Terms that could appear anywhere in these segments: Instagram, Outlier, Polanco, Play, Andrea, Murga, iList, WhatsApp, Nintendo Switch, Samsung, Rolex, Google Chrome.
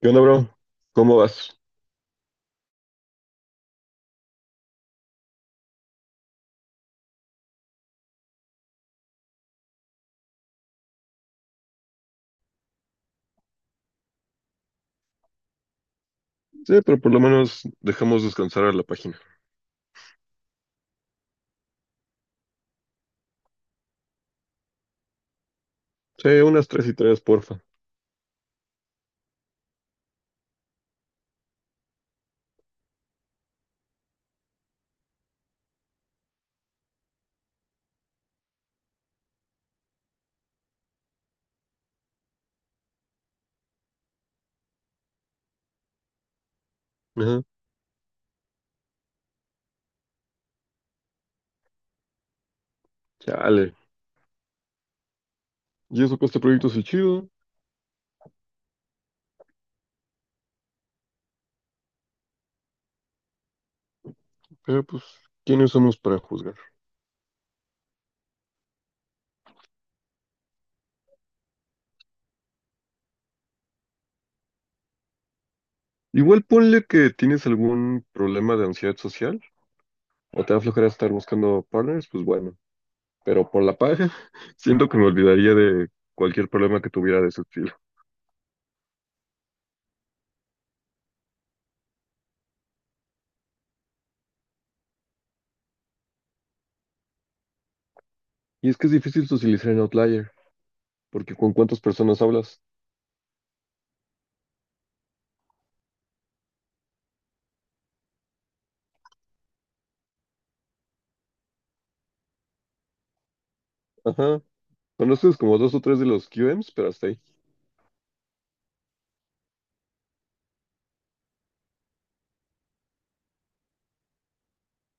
¿Qué onda, bro? ¿Cómo vas? Sí, pero por lo menos dejamos descansar a la página. Sí, unas tres y tres, porfa. Ajá. Chale. Y eso que este proyecto es el chido, pero pues, ¿quiénes somos para juzgar? Igual ponle que tienes algún problema de ansiedad social o te va a aflojar estar buscando partners, pues bueno. Pero por la paja, siento que me olvidaría de cualquier problema que tuviera de ese estilo. Y es que es difícil socializar en Outlier, porque ¿con cuántas personas hablas? Ajá. Conoces como dos o tres de los QMs, pero hasta ahí.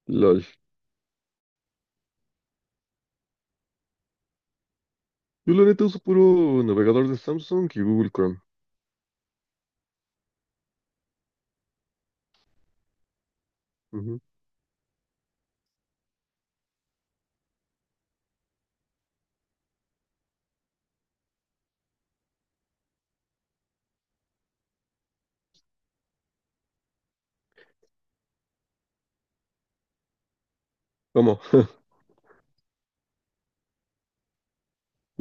LOL. Yo la neta uso puro navegador de Samsung y Google Chrome. Ujú. ¿Cómo?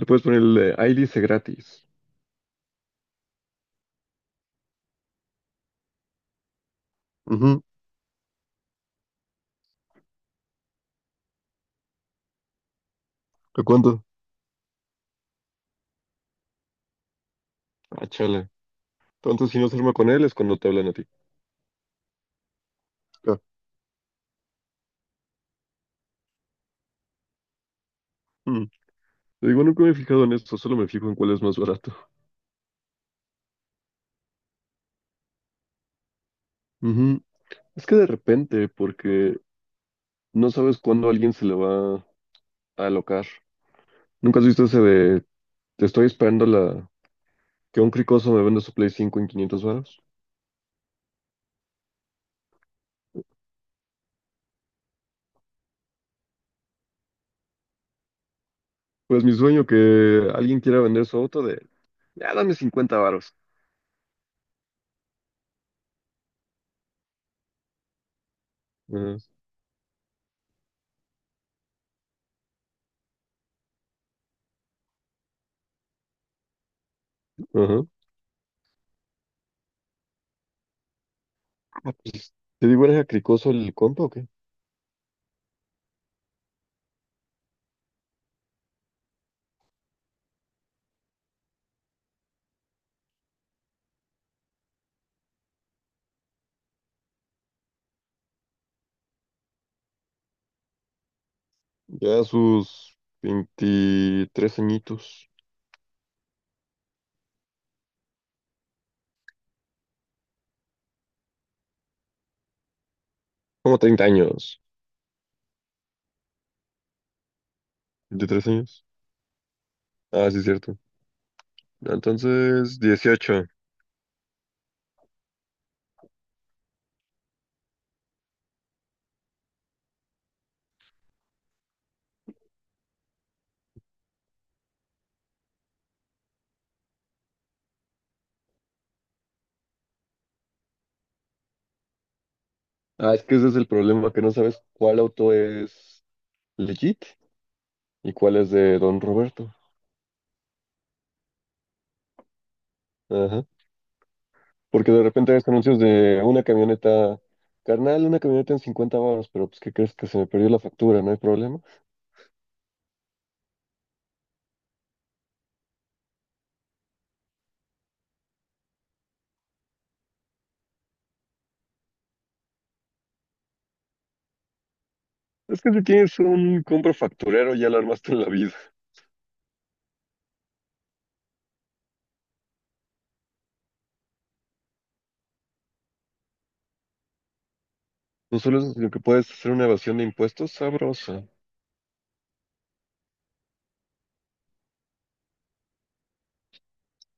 Le puedes poner el iList gratis. Ujú. ¿Te cuento? Ah, chale. Entonces, si no se arma con él, es cuando te hablan a ti. Ah, mm. Te digo, nunca me he fijado en esto, solo me fijo en cuál es más barato. Ujú. Es que de repente, porque no sabes cuándo alguien se le va a alocar. ¿Nunca has visto ese de te estoy esperando la que un cricoso me venda su Play 5 en 500 varos? Pues mi sueño que alguien quiera vender su auto de, ya dame 50 varos. Ajá. Ah, pues, ¿te digo, eres cricoso el compa o qué? Ya sus 23 añitos. Como 30 años. ¿23 años? Ah, sí, es cierto. Entonces, 18. Ah, es que ese es el problema, que no sabes cuál auto es legit y cuál es de Don Roberto. Ajá. Porque de repente ves anuncios de una camioneta, carnal, una camioneta en 50 baros, pero pues, ¿qué crees? Que se me perdió la factura. No hay problema. Es que si tienes un compro facturero, ya lo armaste en la vida. No solo eso, sino que puedes hacer una evasión de impuestos sabrosa.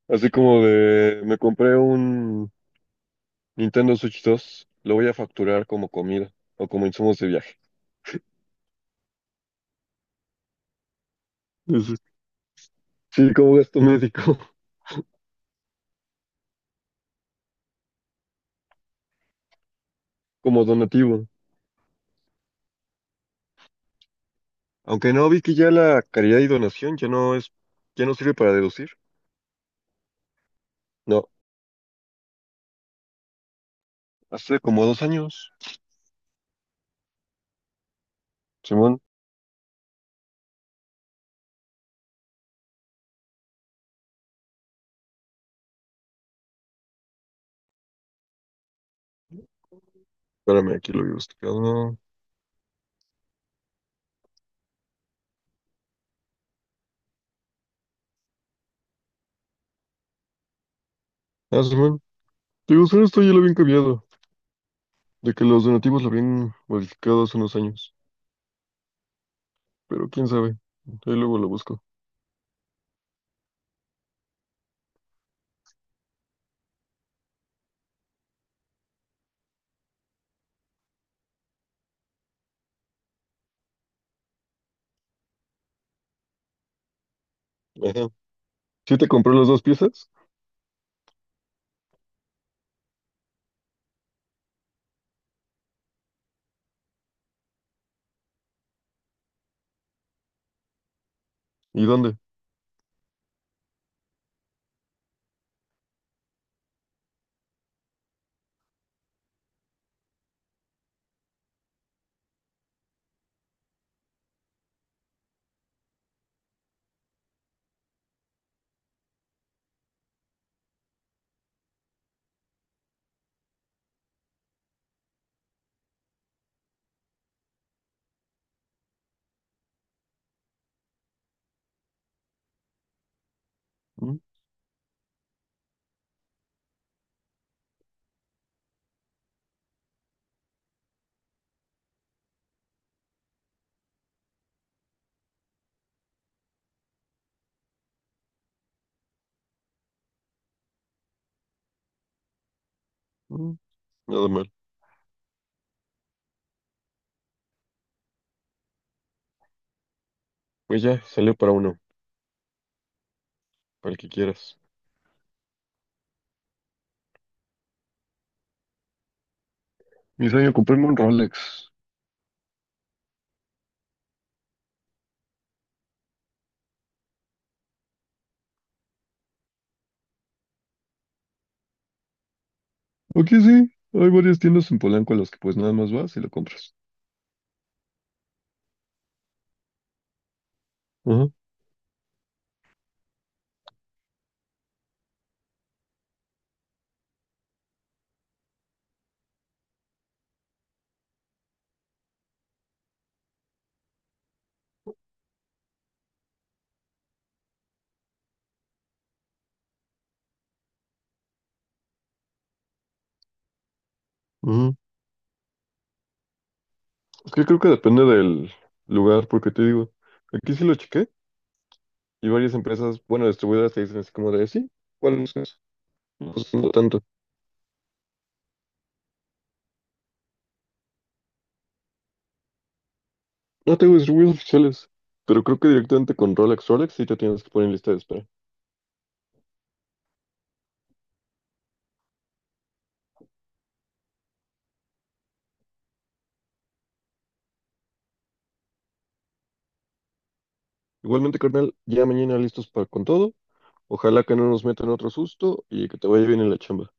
Así como de, me compré un Nintendo Switch 2, lo voy a facturar como comida o como insumos de viaje. Eso sí, como gasto médico, como donativo. Aunque no, vi que ya la caridad y donación ya no sirve para deducir. No, hace como 2 años. Simón, espérame, aquí lo había buscado. Ah, Simón, digo, solo esto ya lo habían cambiado, de que los donativos lo habían modificado hace unos años. Pero quién sabe, ahí luego lo busco. Ajá. Sí te compré las dos piezas. ¿Y dónde? Mm, mm, nada mal. Pues ya, salió para uno, para el que quieras. Mi sueño, comprarme un Rolex. Aquí sí, hay varias tiendas en Polanco a las que pues nada más vas y lo compras. Ajá, ajá. Es que creo que depende del lugar, porque te digo, aquí sí lo chequé y varias empresas, bueno, distribuidoras te dicen así como de, sí, ¿cuál es eso? No pues, no tanto. No tengo distribuidores oficiales, pero creo que directamente con Rolex, Rolex sí te tienes que poner en lista de espera. Igualmente, carnal, ya mañana listos para con todo. Ojalá que no nos metan otro susto y que te vaya bien en la chamba.